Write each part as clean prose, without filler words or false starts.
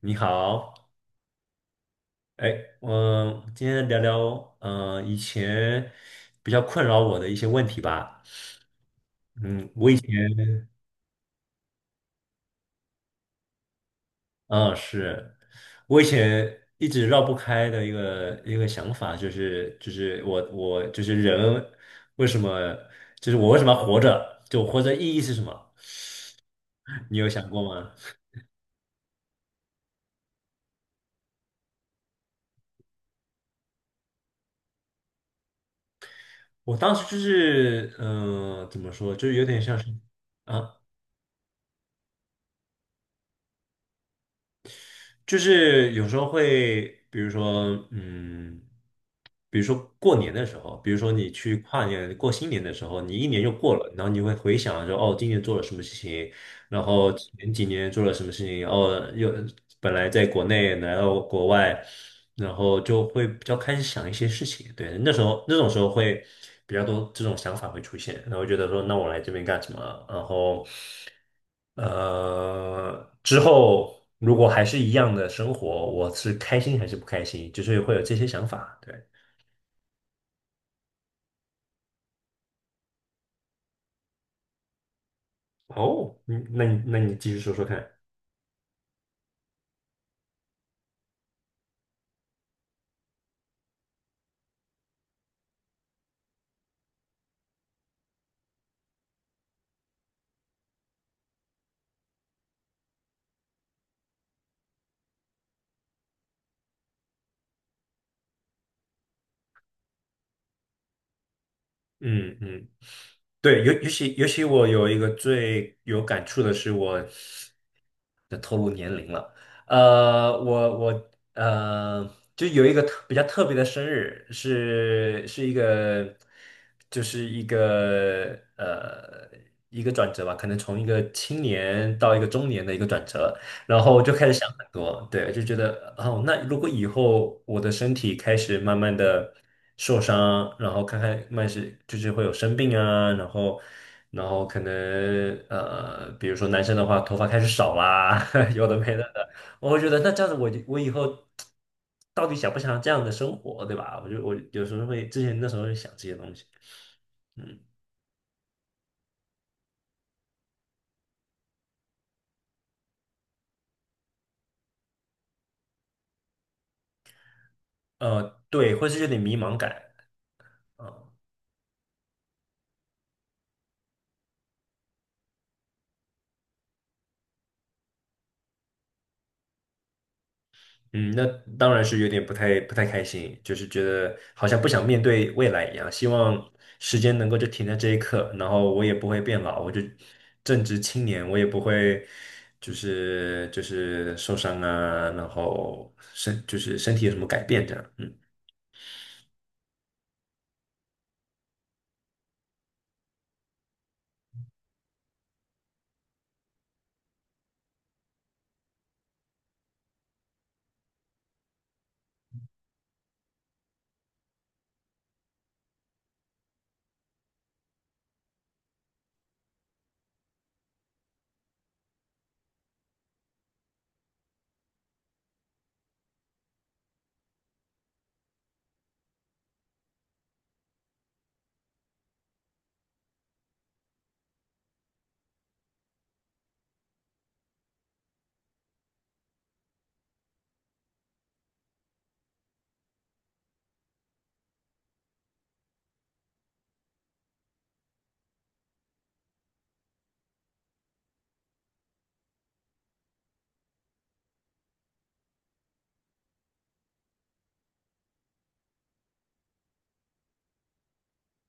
你好。哎，我今天聊聊，以前比较困扰我的一些问题吧。嗯，是我以前一直绕不开的一个想法，就是我就是人为什么，就是我为什么要活着？就我活着意义是什么？你有想过吗？我当时就是，怎么说，就是有点像是。啊。就是有时候会，比如说，比如说过年的时候，比如说你去跨年、过新年的时候，你一年就过了，然后你会回想说，哦，今年做了什么事情，然后前几年做了什么事情，然后又本来在国内来到国外，然后就会比较开始想一些事情。对。那时候那种时候会比较多这种想法会出现，然后觉得说，那我来这边干什么？然后，之后如果还是一样的生活，我是开心还是不开心？就是会有这些想法。对。哦，嗯，那你那你继续说说看。嗯嗯，对，尤其我有一个最有感触的是我，呃，就有一个比较特别的生日，是一个，就是一个一个转折吧，可能从一个青年到一个中年的一个转折，然后就开始想很多。对，就觉得哦，那如果以后我的身体开始慢慢的受伤，然后看看慢是就是会有生病啊，然后。然后可能，比如说男生的话，头发开始少啦，有的没的的。我会觉得那这样子我以后到底想不想这样的生活，对吧？我有时候会，之前那时候会想这些东西，嗯。对，会是有点迷茫感啊。嗯，那当然是有点不太开心，就是觉得好像不想面对未来一样，希望时间能够就停在这一刻，然后我也不会变老，我就正值青年，我也不会受伤啊，然后就是身体有什么改变这样，嗯。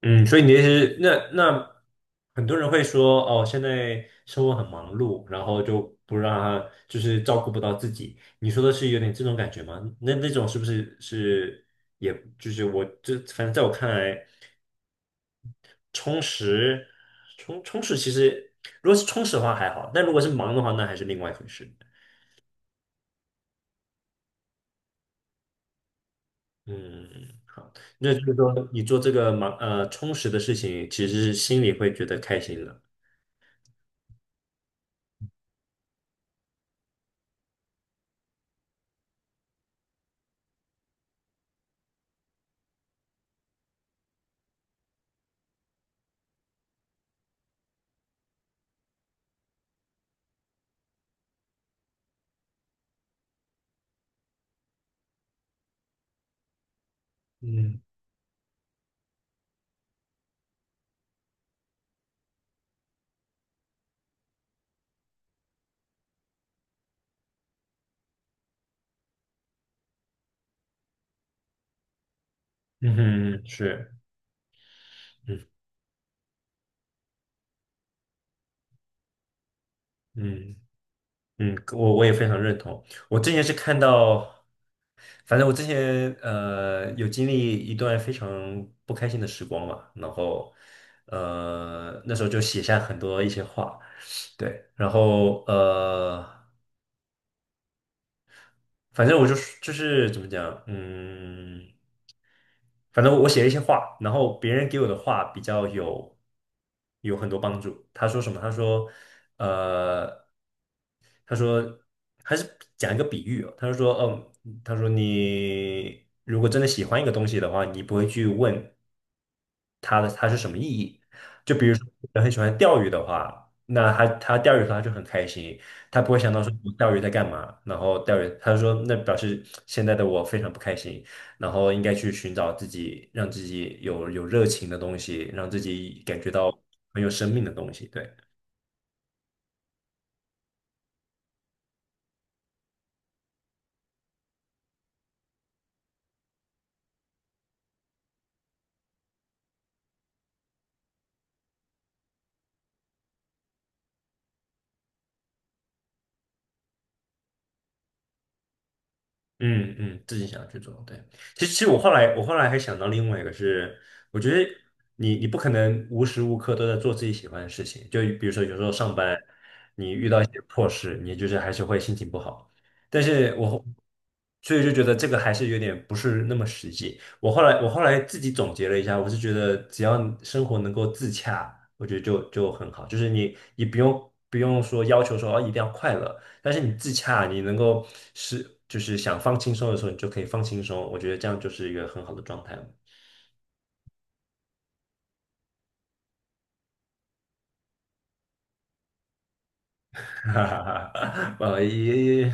嗯，所以你的意思是，很多人会说，哦，现在生活很忙碌，然后就不让他就是照顾不到自己。你说的是有点这种感觉吗？那那种是不是是，也就是我这，反正在我看来，充实充实其实如果是充实的话还好，但如果是忙的话，那还是另外一回事。嗯，好，那就是说你做这个充实的事情，其实是心里会觉得开心的。嗯嗯哼，是，嗯。嗯，我也非常认同。我之前是看到，反正我之前有经历一段非常不开心的时光嘛，然后，那时候就写下很多一些话，对。然后，反正我怎么讲，嗯。反正我写了一些话，然后别人给我的话比较有很多帮助。他说什么？他说，呃，他说还是讲一个比喻哦。他就说，嗯，他说你如果真的喜欢一个东西的话，你不会去问它是什么意义。就比如说，人很喜欢钓鱼的话，那他钓鱼的时候他就很开心，他不会想到说我钓鱼在干嘛，然后钓鱼，他就说那表示现在的我非常不开心。然后应该去寻找自己，让自己有热情的东西，让自己感觉到很有生命的东西。对。嗯嗯，自己想要去做，对。其实我后来，我后来还想到另外一个是，我觉得你不可能无时无刻都在做自己喜欢的事情，就比如说有时候上班，你遇到一些破事，你就是还是会心情不好。但是我后，所以就觉得这个还是有点不是那么实际。我后来自己总结了一下，我是觉得只要生活能够自洽，我觉得就很好，就是你不用说要求说哦一定要快乐。但是你自洽，你能够是就是想放轻松的时候，你就可以放轻松。我觉得这样就是一个很好的状态了。哈哈哈。呃，也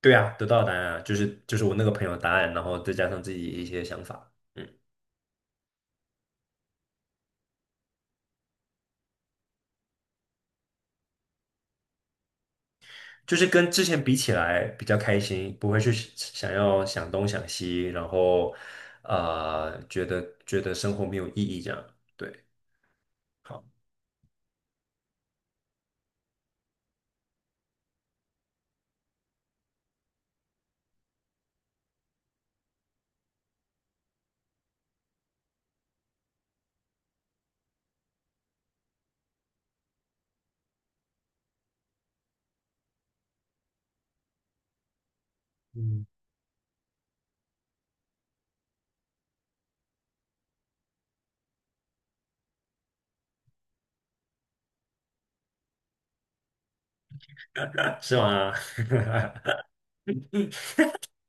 对啊，得到的答案啊，就是我那个朋友的答案，然后再加上自己一些想法。嗯，就是跟之前比起来比较开心，不会去想要想东想西，然后，觉得生活没有意义这样，对。好。嗯。是吗？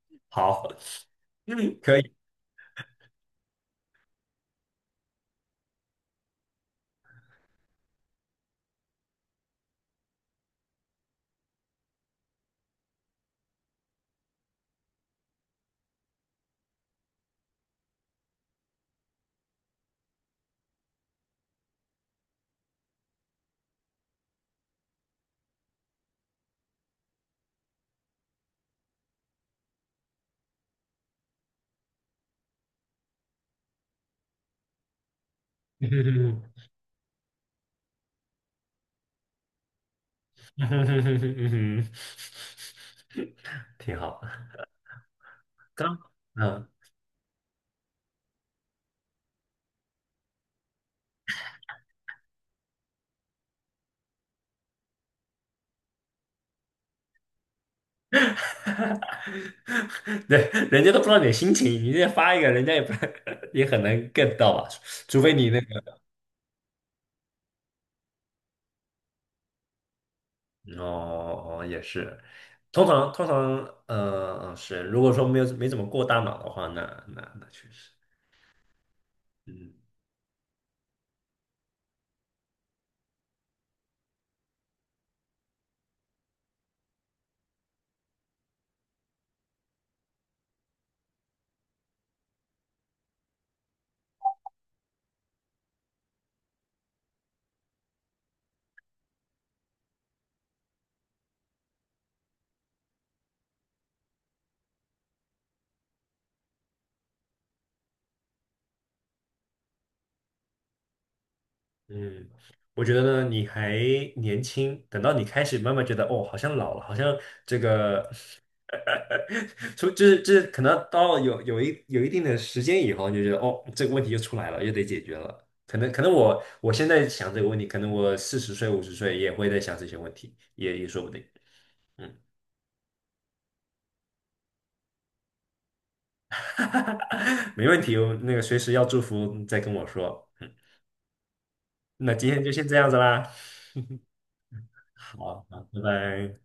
好，嗯，可以。嗯哼哼哼哼嗯哼，挺好。刚，嗯。对，人家都不知道你的心情，你这发一个，人家也不 也很难 get 到吧？除非你那个，哦，哦哦，也是。通常，呃是，如果说没有没怎么过大脑的话，那确实。嗯嗯，我觉得呢，你还年轻，等到你开始慢慢觉得，哦，好像老了，好像这个 哈，就是可能到有一定的时间以后，你就觉得哦，这个问题就出来了，又得解决了。可能我现在想这个问题，可能我40岁50岁也会在想这些问题，也也说不定。嗯。没问题，我那个随时要祝福再跟我说。那今天就先这样子啦，好，好拜拜。